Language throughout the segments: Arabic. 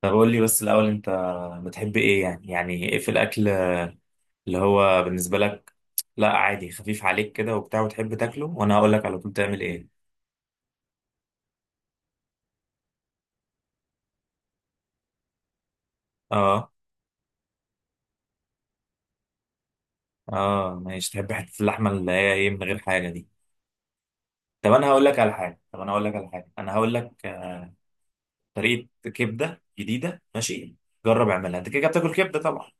طب قول لي بس الأول أنت بتحب إيه؟ يعني إيه في الأكل اللي هو بالنسبة لك؟ لا عادي خفيف عليك كده وبتاع وتحب تاكله، وأنا هقول لك على طول تعمل إيه. أه، أه ماشي، تحب حتة اللحمة اللي هي إيه من غير حاجة دي. طب أنا هقول لك على حاجة طب أنا هقول لك على حاجة أنا هقول لك طريقة كبدة جديدة، ماشي؟ جرب اعملها أنت. كده كده بتاكل كبدة طبعا.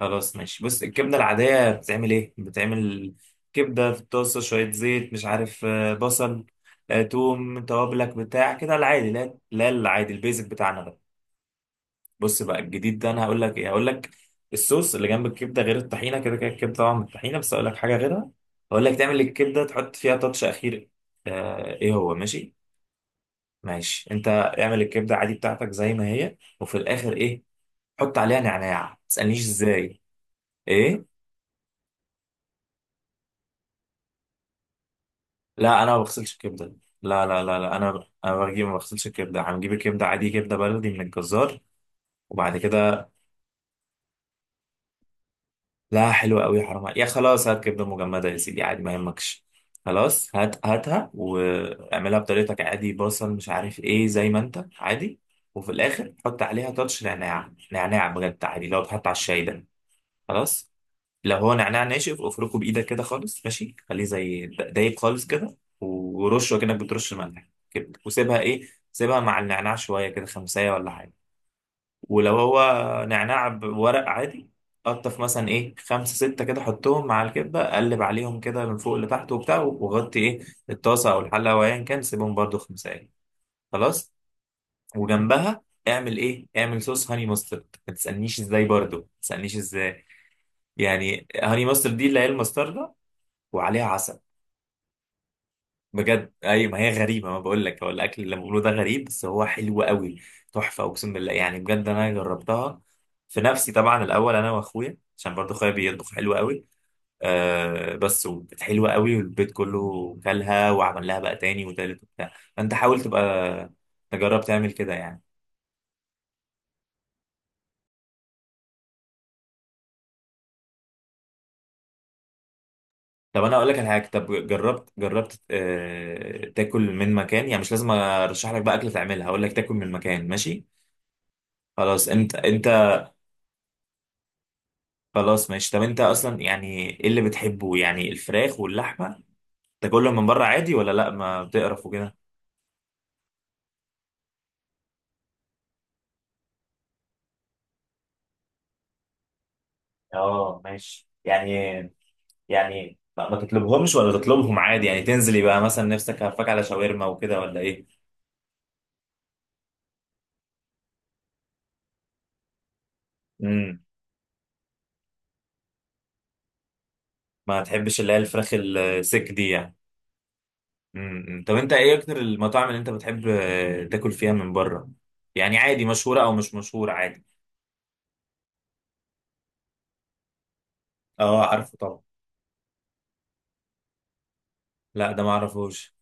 خلاص ماشي، بص، الكبدة العادية بتتعمل ايه؟ بتعمل كبدة في الطاسة، شوية زيت مش عارف بصل، توم، توابلك بتاع كده العادي، لا العادي البيزك بتاعنا ده. بص بقى الجديد ده، انا هقول لك ايه، هقول لك الصوص اللي جنب الكبدة غير الطحينة. كده كده الكبدة طبعا الطحينة، بس هقول لك حاجة غيرها. هقول لك تعمل الكبدة تحط فيها تاتش أخير، ايه هو، ماشي؟ ماشي، انت اعمل الكبدة عادي بتاعتك زي ما هي، وفي الآخر ايه؟ حط عليها نعناع، ما تسألنيش ازاي. ايه؟ لا انا ما بغسلش الكبده. لا لا لا لا انا انا بجيب، ما بغسلش الكبده، هنجيب الكبده عادي، كبده بلدي من الجزار. وبعد كده لا حلوه قوي، حرام عليك. يا خلاص هات كبده مجمده يا سيدي عادي، ما يهمكش. خلاص، هات هاتها واعملها بطريقتك عادي، بصل مش عارف ايه، زي ما انت عادي. وفي الاخر حط عليها تاتش نعناع، نعناع بجد عادي، لو بتحط على الشاي ده خلاص. لو هو نعناع ناشف، افركه بايدك كده خالص، ماشي؟ خليه زي دايب خالص كده، ورشه كأنك بترش ملح كده، وسيبها ايه، سيبها مع النعناع شويه، كده خمسة ولا حاجه. ولو هو نعناع بورق عادي، قطف مثلا ايه خمسة ستة كده، حطهم مع الكبة، قلب عليهم كده من فوق لتحت وبتاع، وغطي ايه الطاسة او الحلة او ايا كان، سيبهم برضو 5 دقايق، خلاص. وجنبها اعمل ايه، اعمل صوص هاني ماسترد، ما تسألنيش ازاي، برضو ما تسألنيش ازاي. يعني هاني ماسترد دي اللي هي الماسترد وعليها عسل. بجد، اي ما هي غريبه، ما بقول لك هو الاكل اللي بقوله ده غريب بس هو حلو قوي. تحفه، اقسم بالله يعني بجد، انا جربتها في نفسي طبعا الاول انا واخويا، عشان برضه اخويا بيطبخ حلو قوي. آه بس وكانت حلوه قوي، والبيت كله كلها، وعمل لها بقى تاني وتالت وبتاع، فانت حاول تبقى تجرب تعمل كده يعني. طب انا اقول لك على حاجه، طب جربت جربت آه تاكل من مكان، يعني مش لازم ارشح لك بقى اكل تعملها، هقول لك تاكل من مكان، ماشي؟ خلاص، انت. خلاص ماشي، طب انت اصلا يعني ايه اللي بتحبه؟ يعني الفراخ واللحمه تاكلهم من بره عادي، ولا لا ما بتقرف وكده؟ اه ماشي يعني، يعني لا، ما تطلبهمش ولا تطلبهم عادي يعني، تنزلي بقى مثلا نفسك هفاك على شاورما وكده، ولا ايه؟ امم، ما تحبش اللي هي الفراخ السك دي يعني. امم، طب انت ايه اكتر المطاعم اللي انت بتحب تاكل فيها من بره؟ يعني عادي، مشهوره او مش مشهوره عادي. اه، عارفه طبعا. لا ده ما اعرفوش.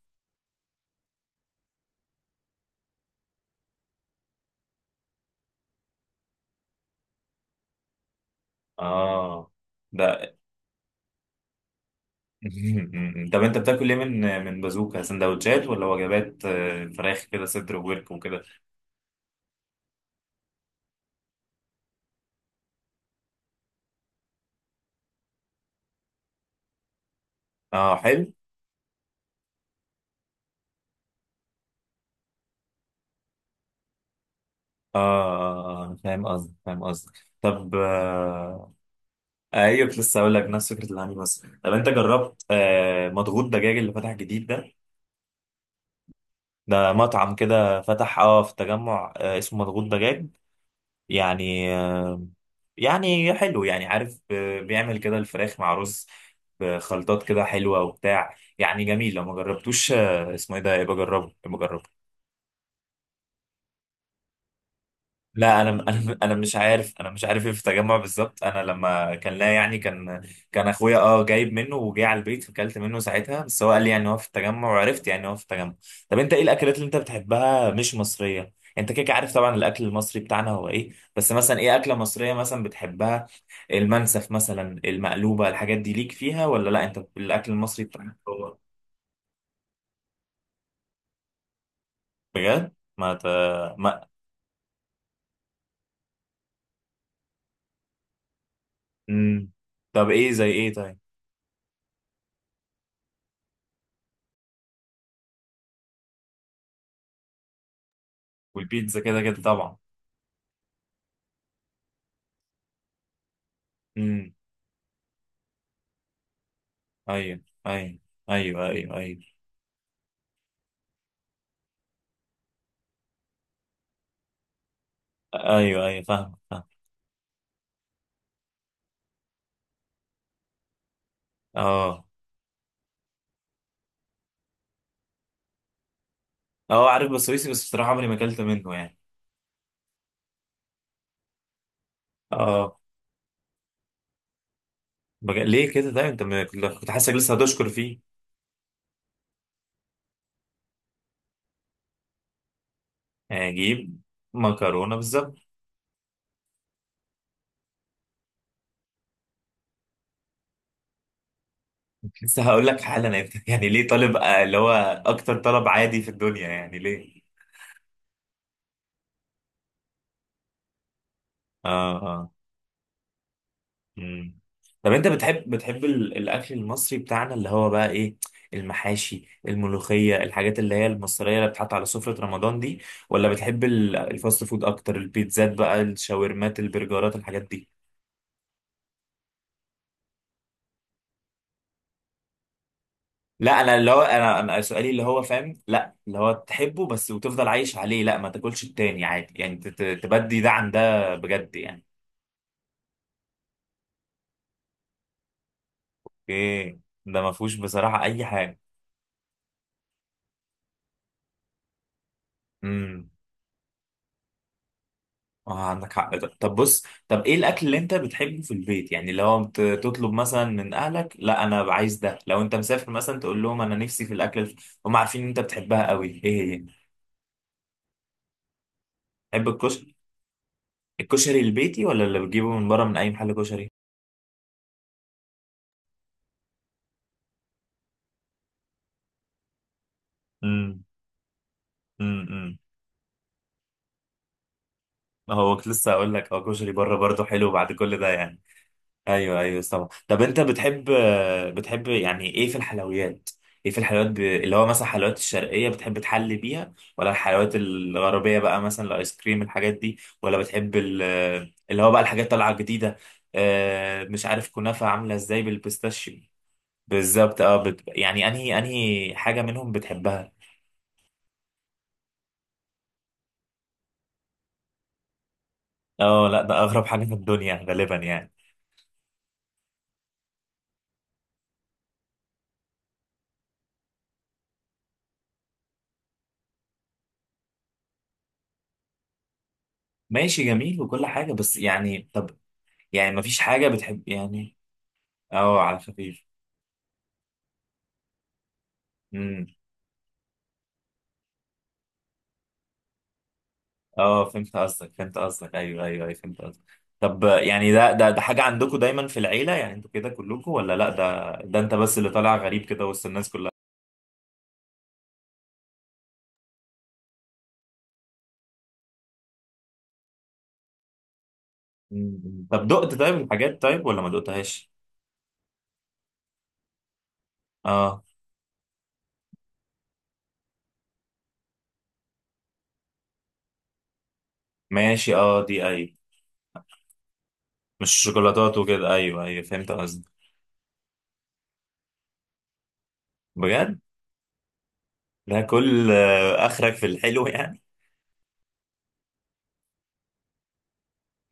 اه ده. طب انت بتاكل ايه من من بازوكا، سندوتشات ولا وجبات، فراخ كده صدر وورك وكده؟ اه حلو. اه، فاهم قصدك فاهم قصدك، طب آه. ايوه، كنت لسه هقول لك نفس فكره الهاني مصر. طب انت جربت آه مضغوط دجاج اللي فتح جديد ده؟ ده مطعم كده فتح اه في التجمع، آه اسمه مضغوط دجاج. يعني يعني حلو، يعني عارف بيعمل كده الفراخ مع رز بخلطات كده حلوة وبتاع، يعني جميل. لو ما جربتوش، اسمه ايه ده، يبقى جربه، يبقى جربه. لا انا مش عارف، انا مش عارف ايه في التجمع بالظبط. انا لما كان، لا يعني، كان كان اخويا اه جايب منه وجه على البيت، فكلت منه ساعتها، بس هو قال لي يعني هو في التجمع، وعرفت يعني هو في التجمع. طب انت ايه الاكلات اللي انت بتحبها مش مصريه؟ انت كده كده عارف طبعا الاكل المصري بتاعنا هو ايه، بس مثلا ايه اكله مصريه مثلا بتحبها؟ المنسف مثلا، المقلوبه، الحاجات دي ليك فيها ولا لا؟ انت الاكل المصري بتاعك هو بجد ما ت... ما مم. طب ايه زي ايه طيب؟ والبيتزا كده كده طبعا. ايوه ايوه ايوه، ايوه ايوه ايوه ايوه، فاهم فاهم. اه، اه عارف بسويسي بس بصراحه عمري ما اكلت منه يعني. اه بج... ليه كده ده انت م... كنت حاسسك لسه هتشكر فيه. اجيب مكرونه بالظبط. لسه هقول لك حالا انت يعني ليه طالب اللي هو اكتر طلب عادي في الدنيا، يعني ليه؟ اه آه. مم. طب انت بتحب ال- الاكل المصري بتاعنا اللي هو بقى ايه، المحاشي، الملوخيه، الحاجات اللي هي المصريه اللي بتحط على سفره رمضان دي، ولا بتحب ال- الفاست فود اكتر، البيتزات بقى، الشاورمات، البرجرات، الحاجات دي؟ لا انا اللي هو انا سؤالي اللي هو فاهم، لا اللي هو تحبه بس وتفضل عايش عليه، لا ما تاكلش التاني عادي يعني، تبدي ده عن ده بجد يعني؟ ايه، ده ما فيهوش بصراحه اي حاجه. امم. اه عندك حق ده. طب بص، طب ايه الاكل اللي انت بتحبه في البيت؟ يعني لو انت تطلب مثلا من اهلك، لا انا عايز ده، لو انت مسافر مثلا تقول لهم انا نفسي في الاكل الف... هم عارفين ان انت بتحبها قوي، ايه هي؟ تحب الكشري؟ الكشري البيتي ولا اللي بتجيبه من بره من اي محل كشري؟ امم امم. هو كنت لسه هقول لك اه، كشري بره برضه حلو بعد كل ده يعني. ايوه ايوه طبعا. طب انت بتحب، بتحب يعني ايه في الحلويات؟ ايه في الحلويات ب... اللي هو مثلا الحلويات الشرقيه بتحب تحلي بيها، ولا الحلويات الغربيه بقى، مثلا الايس كريم الحاجات دي، ولا بتحب ال... اللي هو بقى الحاجات طالعه جديده، آه مش عارف كنافه عامله ازاي بالبيستاشيو. بالظبط، اه بت... يعني انهي انهي حاجه منهم بتحبها؟ اه، لا ده اغرب حاجه في الدنيا غالبا يعني. ماشي جميل وكل حاجه بس، يعني طب يعني مفيش حاجه بتحب يعني؟ اه، على خفيف. اه فهمت قصدك فهمت قصدك، ايوه ايوه ايوه، فهمت قصدك. طب يعني ده حاجة عندكم دايما في العيلة، يعني انتوا كده كلكم، ولا لا ده ده انت بس اللي طالع غريب كده وسط الناس كلها؟ مم. طب دقت طيب الحاجات طيب ولا ما دقتهاش؟ اه ماشي. اه دي ايوه. مش شوكولاتات وكده، ايوه ايوه فهمت قصدك. بجد، ده كل اخرك في الحلو يعني؟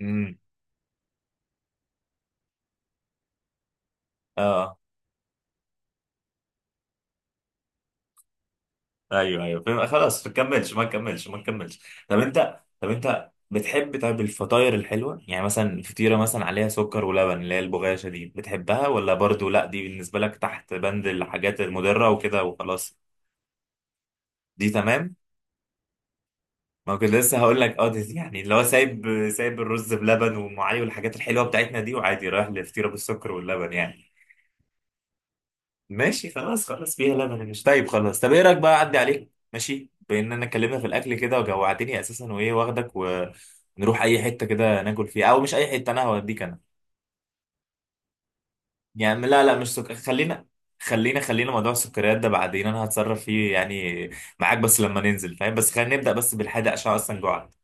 امم. اه ايوه ايوه فاهم، خلاص ما نكملش. طب انت، طب انت بتحب طيب الفطاير الحلوه، يعني مثلا فطيره مثلا عليها سكر ولبن، اللي هي البغاشه دي، بتحبها ولا برضو لا، دي بالنسبه لك تحت بند الحاجات المضره وكده وخلاص؟ دي تمام. ما كنت لسه هقول لك اه دي، يعني اللي هو سايب سايب الرز بلبن وام علي والحاجات الحلوه بتاعتنا دي، وعادي رايح لفطيره بالسكر واللبن يعني. ماشي خلاص خلاص، فيها لبن مش طيب، خلاص. طب ايه رايك بقى اعدي عليك ماشي، بان انا اتكلمنا في الاكل كده وجوعتني اساسا، وايه واخدك ونروح اي حته كده ناكل فيها، او مش اي حته، انا هوديك انا يعني. لا مش سك... خلينا موضوع السكريات ده بعدين انا هتصرف فيه يعني معاك، بس لما ننزل فاهم، بس خلينا نبدا بس بالحادق عشان اصلا جوعت.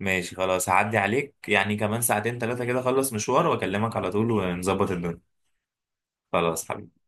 ماشي خلاص، هعدي عليك يعني كمان ساعتين 3 كده، اخلص مشوار واكلمك على طول ونظبط الدنيا. خلاص حبيبي.